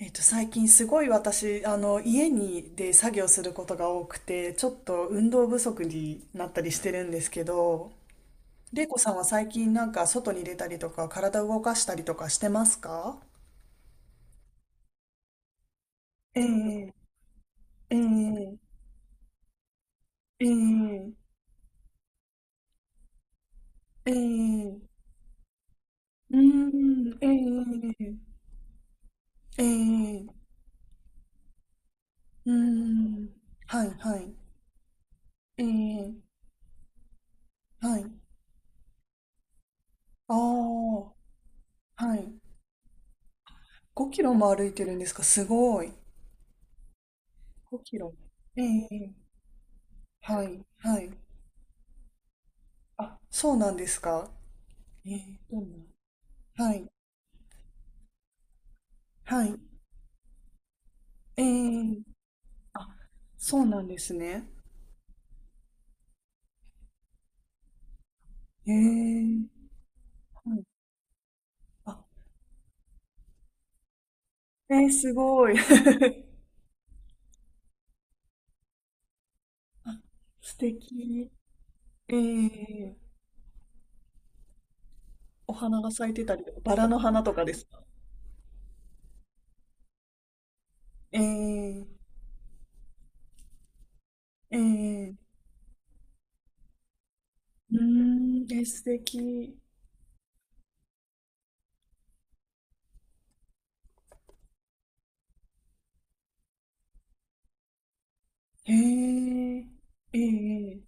最近すごい私、家にで作業することが多くて、ちょっと運動不足になったりしてるんですけど、玲子さんは最近なんか外に出たりとか、体動かしたりとかしてますか？ええ、ええ、ええ、ええ、うーん、ええ、ええ、うーん、はい、はい、ええ、はい、ああ、はい。5キロも歩いてるんですか？すごい。5キロ。ええ、はい、はい。あ、そうなんですか。えー、どんな。はい、はい。えー、あ、そうなんですね。えー、はい。あ、えー、すごい。あ、素敵。えー、お花が咲いてたり、バラの花とかですか？えー、えー、うーん、えー、素敵。へえー、えー、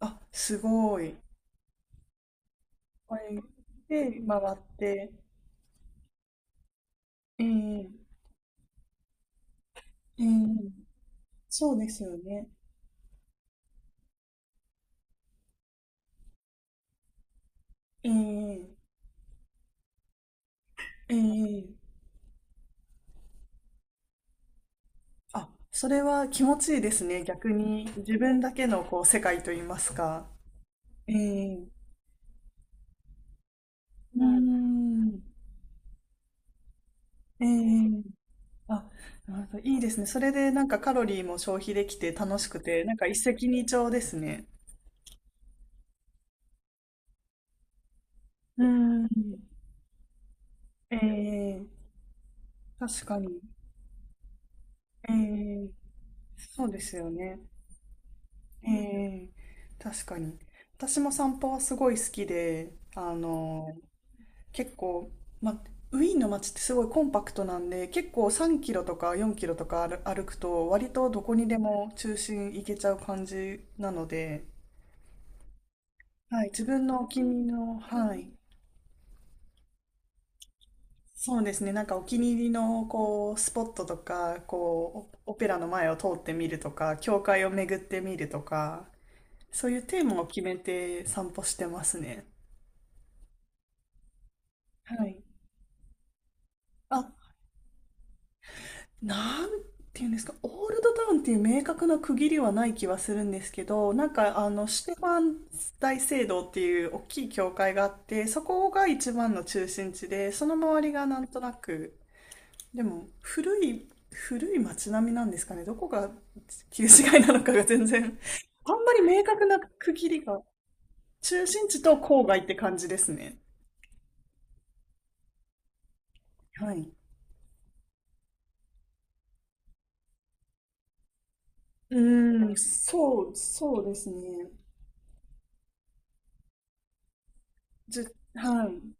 あ、すごい。はい。で、回って、ええ、ええ。そうですよね。ええええ。あ、それは気持ちいいですね。逆に自分だけのこう世界といいますか。ええ、うい。ん。ええ、あ、なるほど。いいですね。それでなんかカロリーも消費できて楽しくて、なんか一石二鳥ですね。うん。ええ、確かに。ええ、そうですよね。ええ、確かに。私も散歩はすごい好きで、結構、まあ、ウィーンの街ってすごいコンパクトなんで、結構3キロとか4キロとか歩くと、割とどこにでも中心行けちゃう感じなので、はい、自分のお気に入りの、はい、そうですね、なんかお気に入りのこうスポットとか、こうオオペラの前を通ってみるとか、教会を巡ってみるとか、そういうテーマを決めて散歩してますね。はい。あ、なんていうんですか、オールドタウンっていう明確な区切りはない気はするんですけど、なんかシュテファン大聖堂っていう大きい教会があって、そこが一番の中心地で、その周りがなんとなく、でも古い、古い街並みなんですかね、どこが旧市街なのかが全然 あんまり明確な区切りが、中心地と郊外って感じですね。はい。うーん、そう、そうですね。じ、はい。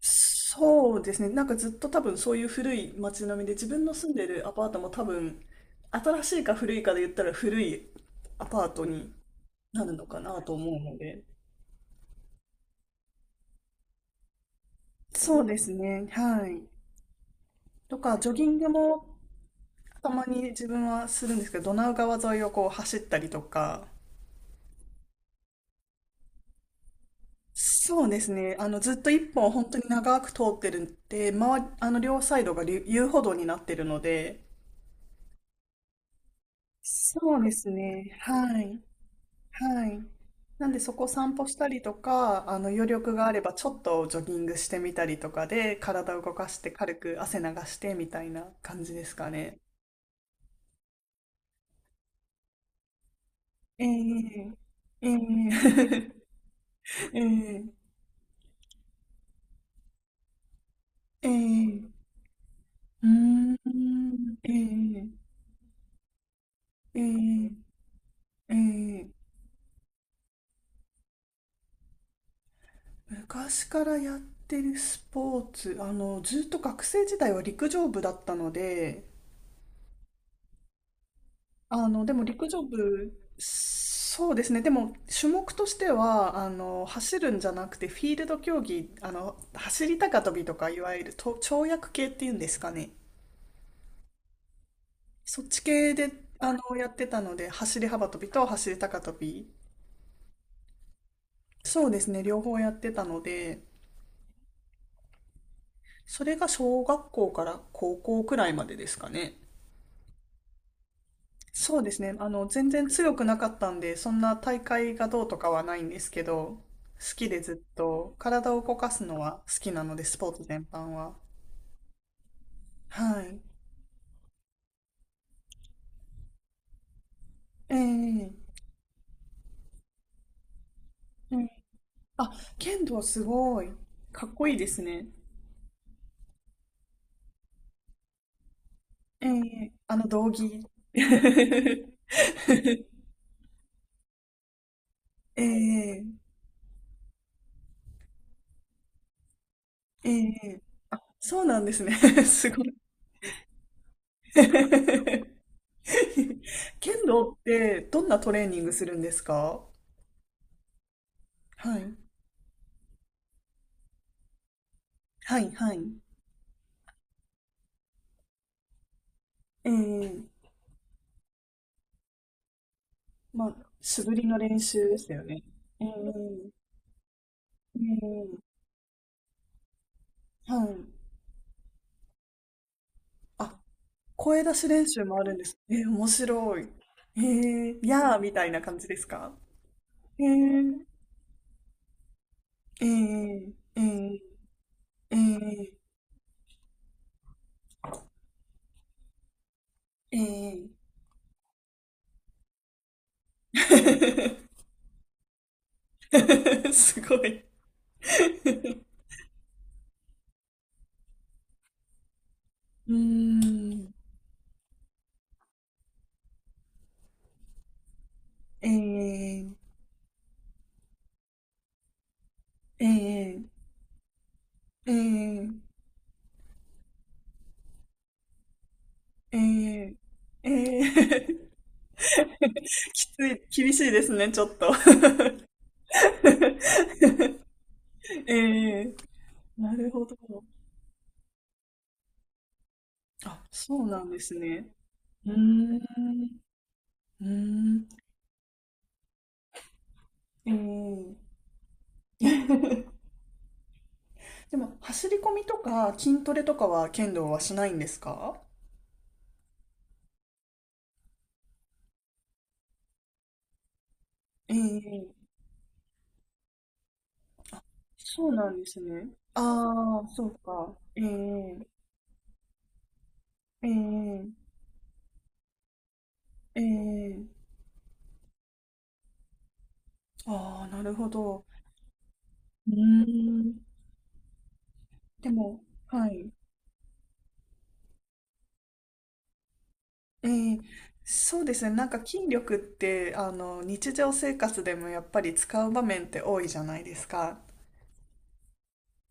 そうですね。なんかずっと多分そういう古い街並みで、自分の住んでるアパートも多分、新しいか古いかで言ったら古いアパートになるのかなと思うので。そうですね。はい。とか、ジョギングもたまに自分はするんですけど、ドナウ川沿いをこう走ったりとか、そうですね。ずっと一本本当に長く通ってるんで、まあの、両サイドがり遊歩道になってるので、そうですね。はい。はい。なんでそこ散歩したりとか、余力があればちょっとジョギングしてみたりとかで、体を動かして軽く汗流してみたいな感じですかね。ええええ ええええ、うーん、ええええええ、昔からやってるスポーツ、ずっと学生時代は陸上部だったので、でも陸上部、そうですね。でも種目としては、走るんじゃなくてフィールド競技、走り高跳びとか、いわゆると跳躍系っていうんですかね。そっち系で、やってたので、走り幅跳びと走り高跳び。そうですね。両方やってたので、それが小学校から高校くらいまでですかね。そうですね。全然強くなかったんで、そんな大会がどうとかはないんですけど、好きでずっと体を動かすのは好きなので、スポーツ全般は。はい。ええええ、あ、剣道すごい。かっこいいですね。ええ、道着。ええええ、そうなんですね。すごい。剣道ってどんなトレーニングするんですか？はい。はい、はい。ええ、まあ、素振りの練習でしたよね。ええ、ええ、はい。あ、声出し練習もあるんです。ええ、面白い。ええ、やーみたいな感じですか？ええ、ええ、ええ、ええ、ええ。すごい。うーん、ええ、ええ、ええ、ええ、ええ。きつい、厳しいですね、ちょっと。ええ、なるほど。あ、そうなんですね。うーん、うーん、ええ でも、走り込みとか筋トレとかは剣道はしないんですか？ええ、そうなんですね。ああ、そうか。ええ、ええ、ええ。ああ、なるほど。うーん。でも、はい。えーそうですね。なんか筋力って、日常生活でもやっぱり使う場面って多いじゃないですか。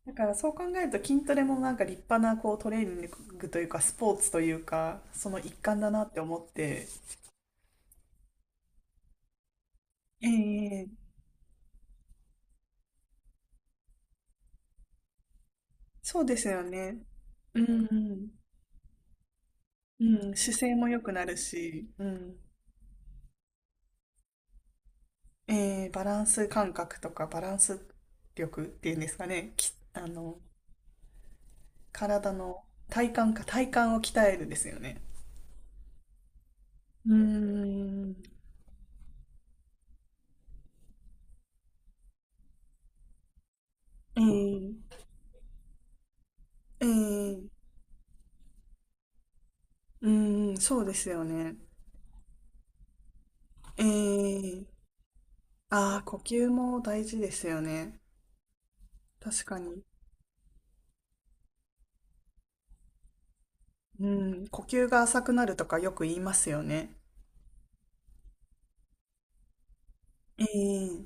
だからそう考えると筋トレもなんか立派なこうトレーニングというかスポーツというか、その一環だなって思って。ええ、そうですよね。うん、うん、うん、姿勢も良くなるし、うん、えー、バランス感覚とかバランス力っていうんですかね、き、あの、体の体幹か、体幹を鍛えるですよね。うーん。えー、えー、うーん、そうですよね。えー、ああ、呼吸も大事ですよね。確かに。うん、呼吸が浅くなるとかよく言いますよね。えー、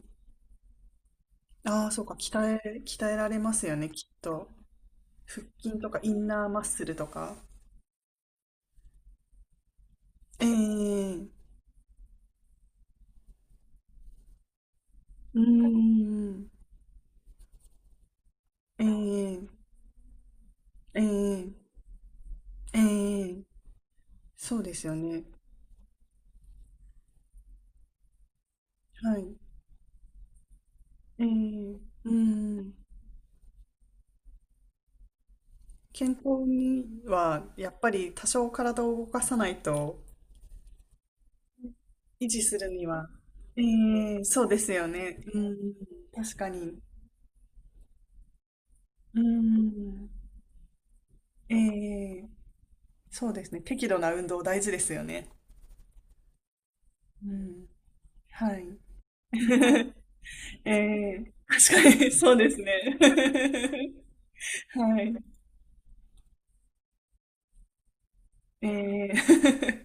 ああ、そうか、鍛えられますよね、きっと。腹筋とかインナーマッスルとか。えー、うーん、えー、えー、えー、そうですよね。はい。えー、うーん。健康にはやっぱり多少体を動かさないと維持するには、ええ、そうですよね。うん、確かに。うん、ええ、そうですね。適度な運動大事ですよね。うん、はい。ええ、確かにそうですね。はい。ええ